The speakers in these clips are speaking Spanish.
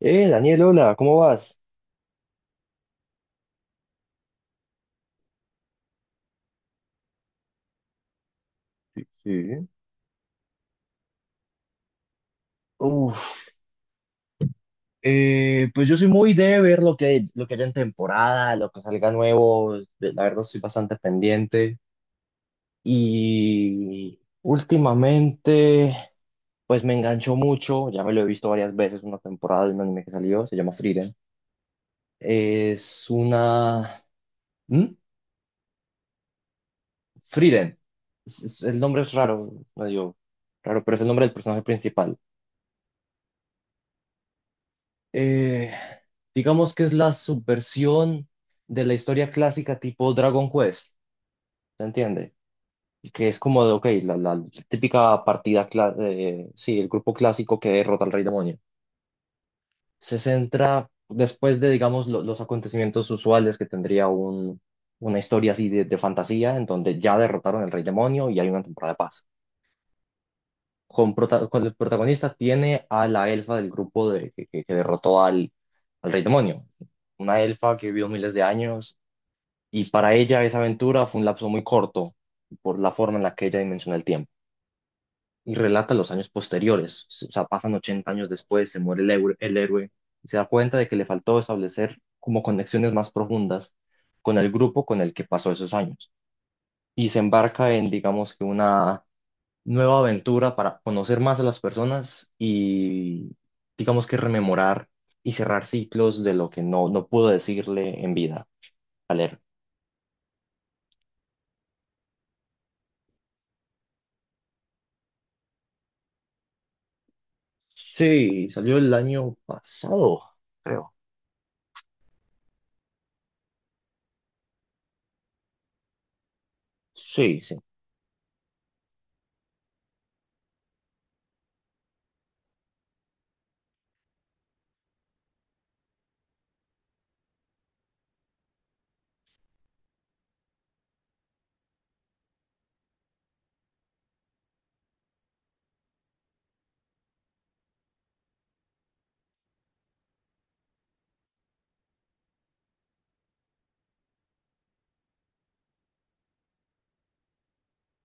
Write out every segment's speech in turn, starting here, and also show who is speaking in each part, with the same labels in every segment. Speaker 1: Daniel, hola, ¿cómo vas? Sí, sí. Uf, pues yo soy muy de ver lo que haya en temporada, lo que salga nuevo, la verdad estoy bastante pendiente. Y últimamente, pues me enganchó mucho, ya me lo he visto varias veces, una temporada de un anime que salió, se llama Frieren. Es una. ¿Mm? Frieren. El nombre es raro, medio raro, pero es el nombre del personaje principal. eh, digamos que es la subversión de la historia clásica tipo Dragon Quest, ¿se entiende? Que es como de, ok, la típica partida, sí, el grupo clásico que derrota al rey demonio. Se centra después de, digamos, los acontecimientos usuales que tendría una historia así de fantasía, en donde ya derrotaron al rey demonio y hay una temporada de paz. Con el protagonista tiene a la elfa del grupo que derrotó al rey demonio. Una elfa que vivió miles de años y para ella esa aventura fue un lapso muy corto por la forma en la que ella dimensiona el tiempo. Y relata los años posteriores, o sea, pasan 80 años después, se muere el héroe y se da cuenta de que le faltó establecer como conexiones más profundas con el grupo con el que pasó esos años. Y se embarca en, digamos que una nueva aventura para conocer más a las personas y digamos que rememorar y cerrar ciclos de lo que no pudo decirle en vida a leer. Sí, salió el año pasado, creo. Sí, sí.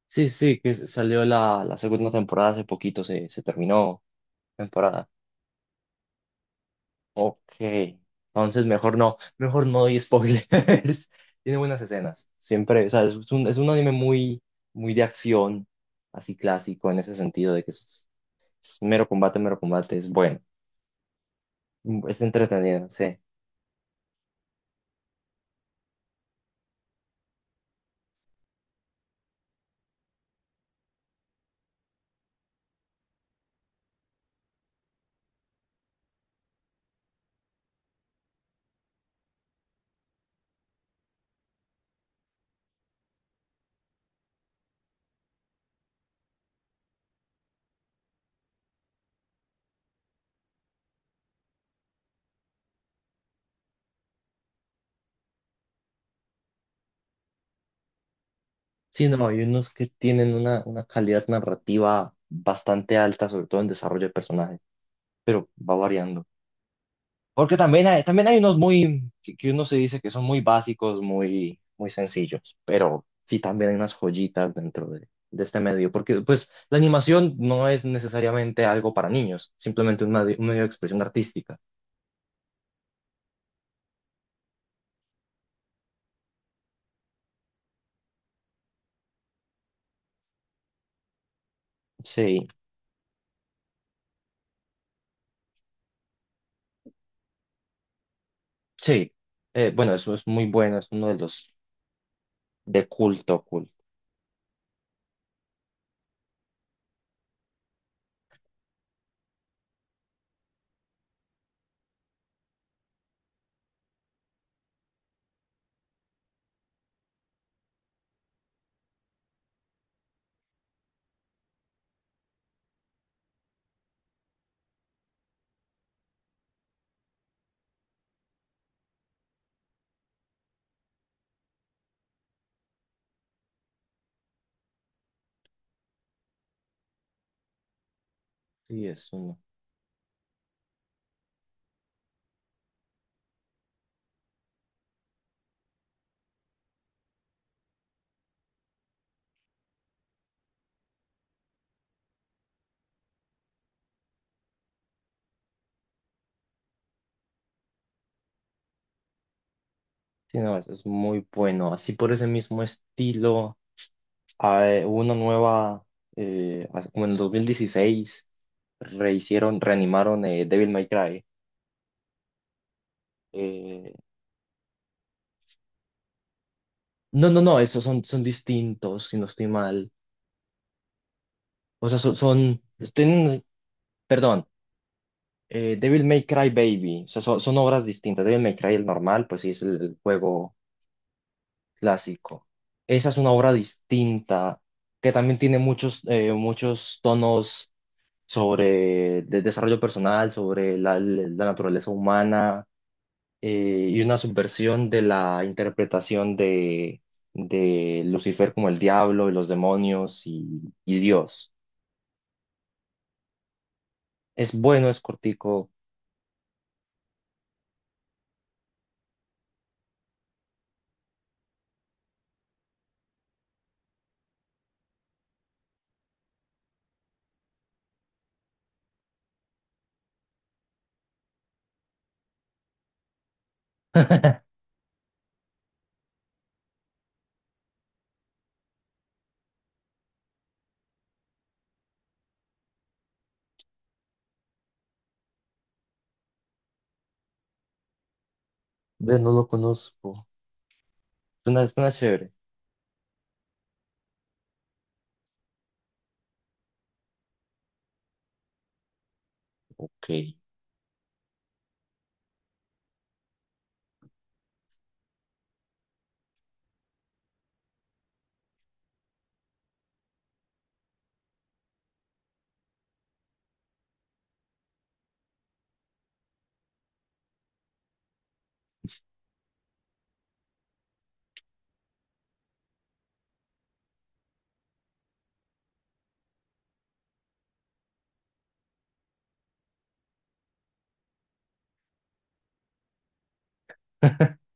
Speaker 1: Sí, sí, que salió la segunda temporada hace poquito, se terminó temporada. Ok, entonces mejor no doy spoilers. Tiene buenas escenas, siempre, o sea, es un anime muy, muy de acción así clásico en ese sentido de que es. Es mero combate, es bueno, es entretenido, sí. Sí, no, hay unos que tienen una calidad narrativa bastante alta, sobre todo en desarrollo de personajes, pero va variando. Porque también hay unos muy, que uno se dice que son muy básicos, muy, muy sencillos, pero sí también hay unas joyitas dentro de este medio, porque pues la animación no es necesariamente algo para niños, simplemente un medio de expresión artística. Sí, sí. Bueno, eso es muy bueno, es uno de los. De culto, culto. Sí, es uno. Sí, no, es muy bueno. Así por ese mismo estilo, hay una nueva, como en el 2016, rehicieron, reanimaron Devil May Cry. Eh, no, no, no, esos son distintos, si no estoy mal. O sea, tienen- perdón, Devil May Cry Baby. O sea, son obras distintas. Devil May Cry, el normal, pues sí, es el juego clásico. Esa es una obra distinta que también tiene muchos tonos sobre el desarrollo personal, sobre la naturaleza humana, y una subversión de la interpretación de Lucifer como el diablo y los demonios y Dios. Es bueno, es cortico. Ve, no lo conozco. Suena, suena chévere. Ok.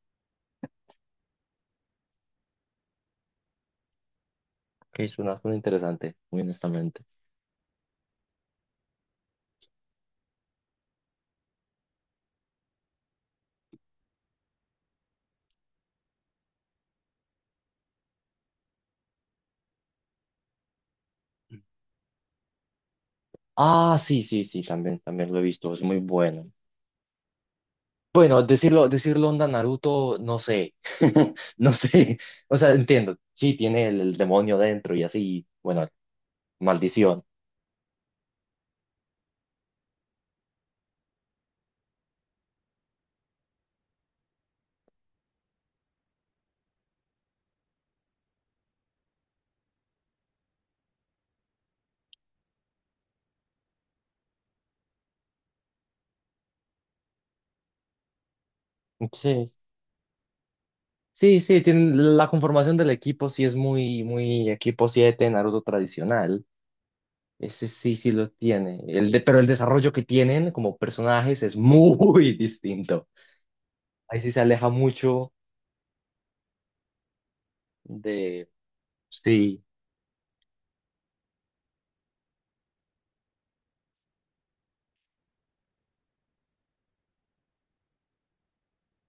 Speaker 1: Ok, suena, suena interesante, muy honestamente. Ah, sí, sí, sí, también, también lo he visto, es muy bueno. Bueno, decirlo, decirlo onda Naruto, no sé, no sé, o sea, entiendo, sí, tiene el demonio dentro y así, bueno, maldición. Sí, sí, sí, tiene, la conformación del equipo sí es muy, muy equipo 7 Naruto tradicional, ese sí, sí lo tiene, pero el desarrollo que tienen como personajes es muy distinto. Ahí sí se aleja mucho de, sí,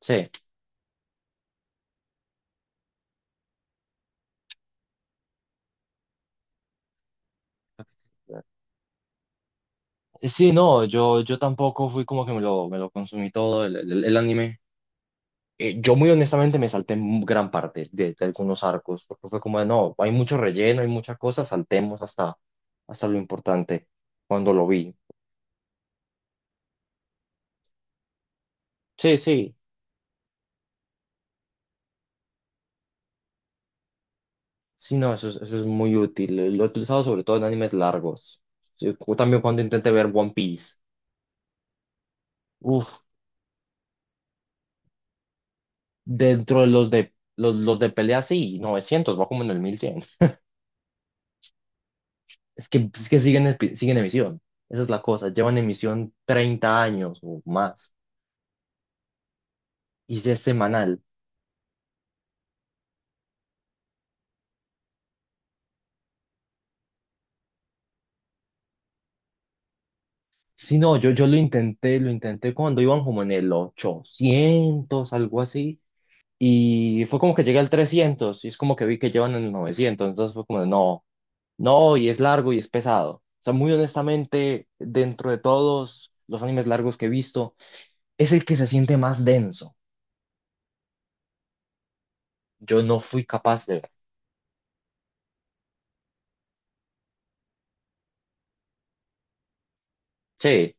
Speaker 1: sí. Sí, no, yo tampoco fui como que me lo consumí todo el anime. Yo muy honestamente me salté gran parte de algunos arcos, porque fue como de, no, hay mucho relleno, hay muchas cosas, saltemos hasta lo importante cuando lo vi. Sí, sí, sí, no, eso es muy útil. Lo he utilizado sobre todo en animes largos. Sí, también cuando intenté ver One Piece. Uf, dentro de los de pelea, sí, 900 va como en el 1100. Es que siguen emisión. Esa es la cosa. Llevan emisión 30 años o más. Y si es semanal. Si no, yo lo intenté cuando iban como en el 800 algo así. Y fue como que llegué al 300. Y es como que vi que llevan en el 900. Entonces fue como, no, no, y es largo y es pesado. O sea, muy honestamente, dentro de todos los animes largos que he visto, es el que se siente más denso. Yo no fui capaz de ver. Sí,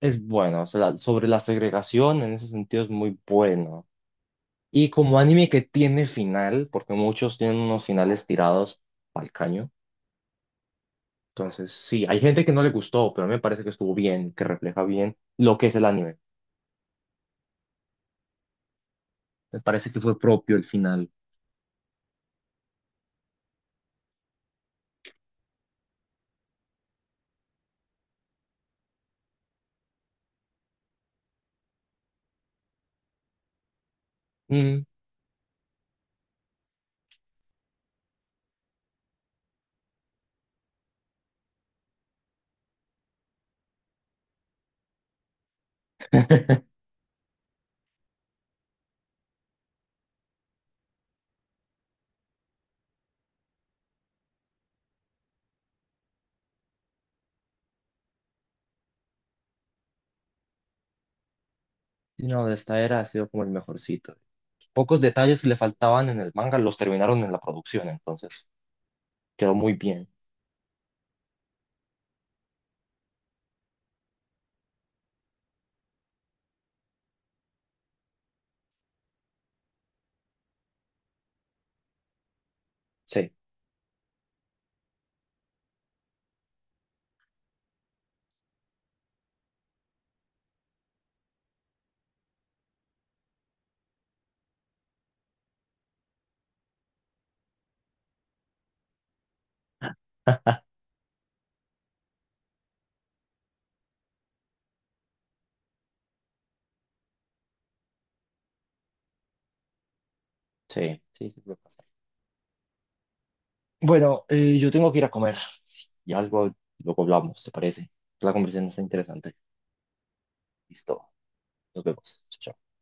Speaker 1: es bueno, o sea, sobre la segregación en ese sentido es muy bueno. Y como anime que tiene final, porque muchos tienen unos finales tirados al caño. Entonces, sí, hay gente que no le gustó, pero a mí me parece que estuvo bien, que refleja bien lo que es el anime. Me parece que fue propio el final. Mm. Y no, de esta era ha sido como el mejorcito. Pocos detalles que le faltaban en el manga los terminaron en la producción, entonces quedó muy bien. Sí, sí, sí, sí, sí. Bueno, yo tengo que ir a comer. Sí, y algo luego hablamos, ¿te parece? La conversación está interesante. Listo, nos vemos. Chao.